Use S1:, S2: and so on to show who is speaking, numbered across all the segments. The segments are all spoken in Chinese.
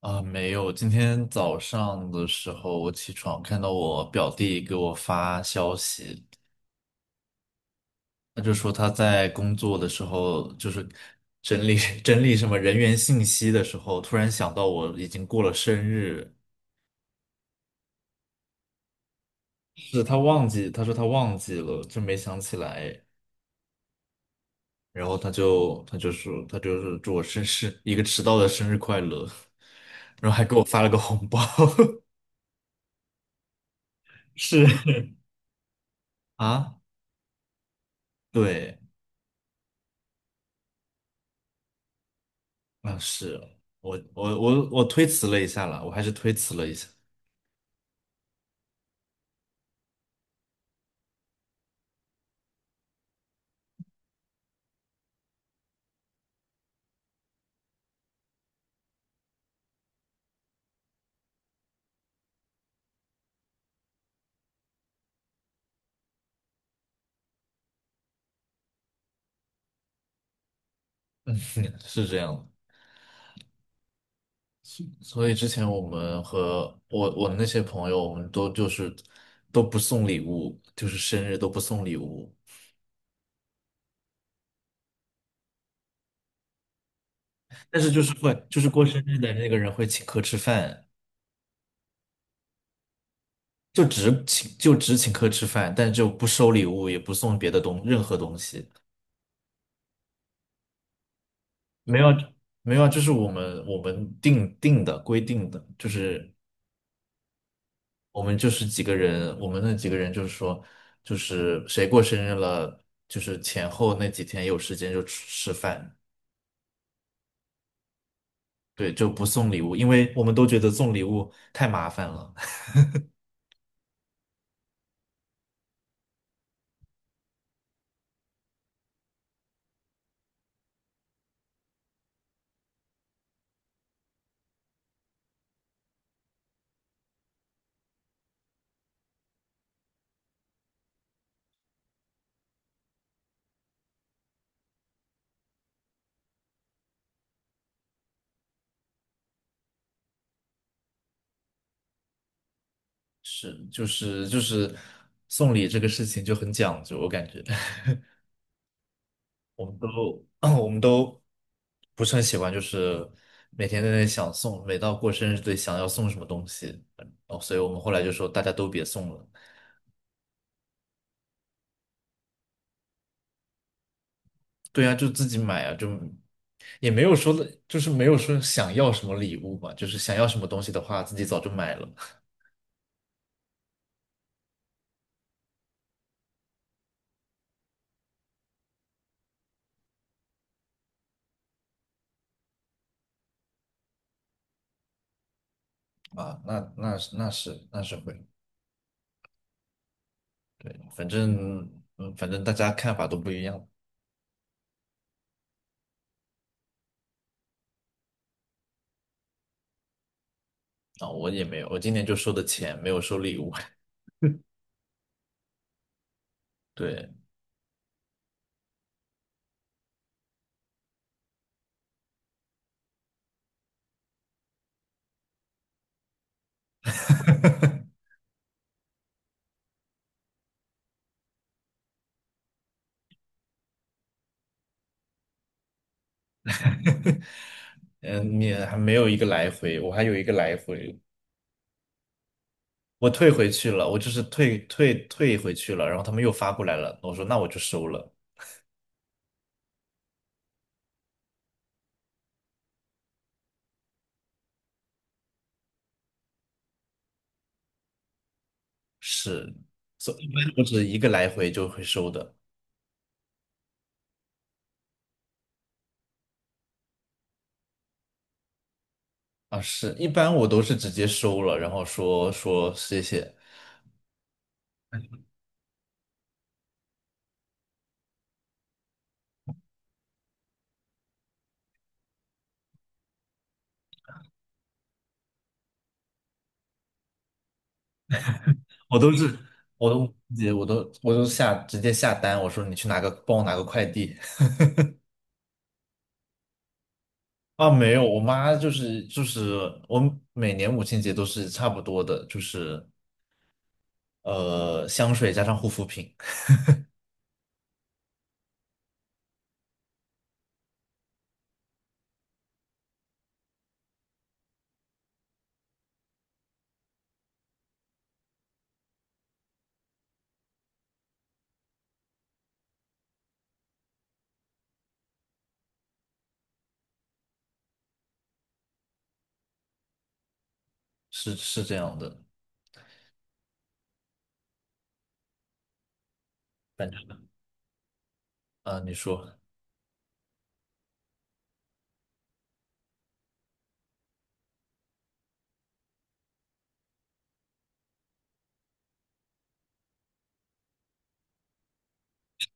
S1: 啊，没有。今天早上的时候，我起床看到我表弟给我发消息，他就说他在工作的时候，就是整理 整理什么人员信息的时候，突然想到我已经过了生日，是他忘记，他说他忘记了，就没想起来。然后他就说他就是祝我生日一个迟到的生日快乐，然后还给我发了个红包，是 啊，对。啊，是我推辞了一下啦，我还是推辞了一下，是这样的。所以之前我们和我那些朋友，我们就是都不送礼物，就是生日都不送礼物，但是就是会就是过生日的那个人会请客吃饭，就只请客吃饭，但就不收礼物，也不送别的任何东西，没有没有啊就是我们定定的规定的，就是我们就是几个人，我们那几个人就是说，就是谁过生日了，就是前后那几天有时间就吃吃饭，对，就不送礼物，因为我们都觉得送礼物太麻烦了。是，就是送礼这个事情就很讲究，我感觉 我们都 我们都不是很喜欢，就是每天在那里想送，每到过生日得想要送什么东西，所以我们后来就说大家都别送了。对呀，就自己买啊，就也没有说的，就是没有说想要什么礼物嘛，就是想要什么东西的话，自己早就买了啊。那是会，反正反正大家看法都不一样啊。我也没有，我今年就收的钱，没有收礼物。对，嗯，你还没有一个来回，我还有一个来回，我退回去了，我就是退回去了，然后他们又发过来了，我说那我就收了，是，所以一般都是一个来回就会收的。啊，是，一般我都是直接收了，然后说说谢谢，我都是，我都直接我都我都直接下单，我说你去帮我拿个快递 啊，没有，我妈就是我每年母亲节都是差不多的，就是香水加上护肤品，是是这样的感觉啊，你说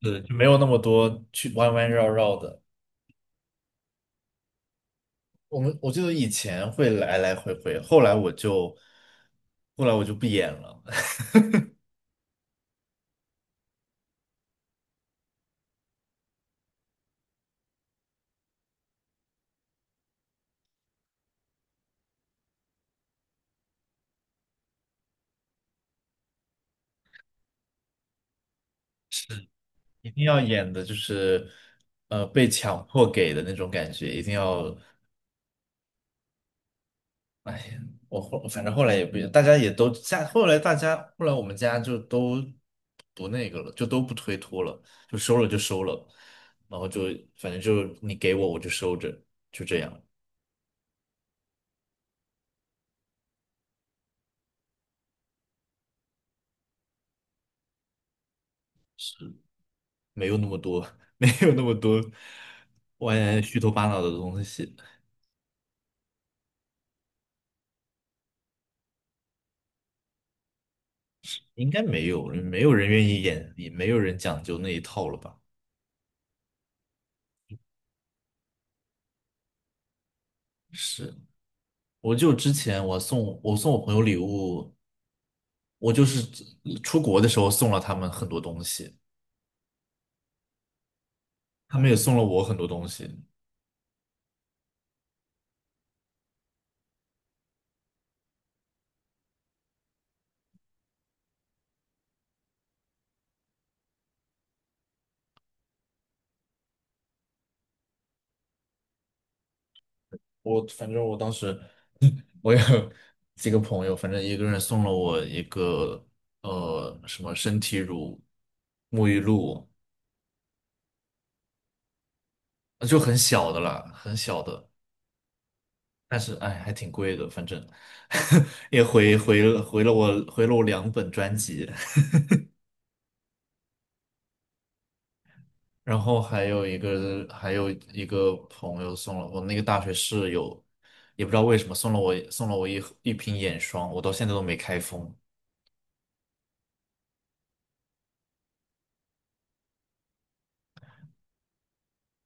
S1: 对，就没有那么多去弯弯绕绕的，我记得以前会来来回回，后来我就不演了。一定要演的就是被强迫给的那种感觉，一定要反正后来也不，大家也都家后来大家后来我们家就都不那个了，就都不推脱了，就收了就收了，然后就反正就你给我我就收着，就这样，没有那么多 没有那么多歪歪虚头巴脑的东西，应该没有，没有人愿意演，也没有人讲究那一套了吧？是。我就之前我送我朋友礼物，我就是出国的时候送了他们很多东西，他们也送了我很多东西。反正我当时 我有几个朋友，反正一个人送了我一个什么身体乳、沐浴露，就很小的啦，很小的，但是哎还挺贵的，反正 也回了我两本专辑。然后还有一个朋友送了我那个大学室友，也不知道为什么送了我一瓶眼霜，我到现在都没开封。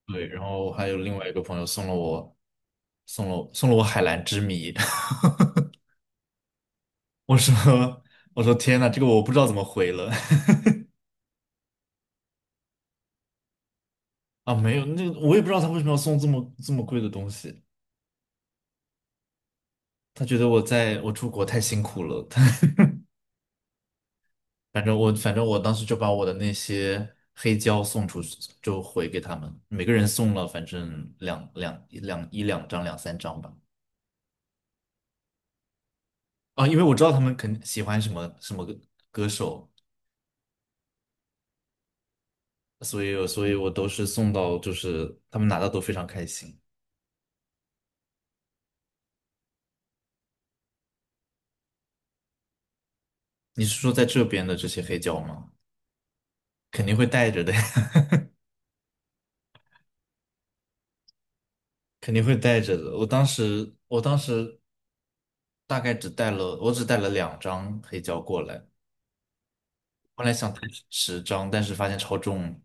S1: 对，然后还有另外一个朋友送了我送了我海蓝之谜，我说我说天呐，这个我不知道怎么回了 啊，没有，那个我也不知道他为什么要送这么贵的东西，他觉得我在我出国太辛苦了。反正我当时就把我的那些黑胶送出去，就回给他们，每个人送了反正两三张吧。啊，因为我知道他们肯喜欢什么什么歌手，所以我都是送到，就是他们拿到都非常开心。你是说在这边的这些黑胶吗？肯定会带着的，肯定会带着的。我当时大概只带了两张黑胶过来，后来想带10张，但是发现超重。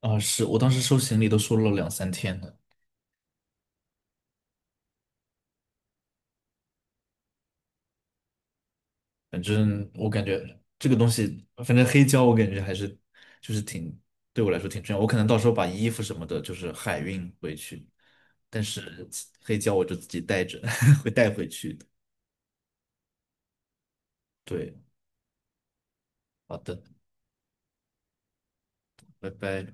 S1: 啊，是我当时收行李都收了两三天呢，反正我感觉这个东西，反正黑胶我感觉还是就是对我来说挺重要，我可能到时候把衣服什么的，就是海运回去，但是黑胶我就自己带着 会带回去的。对，好的，拜拜。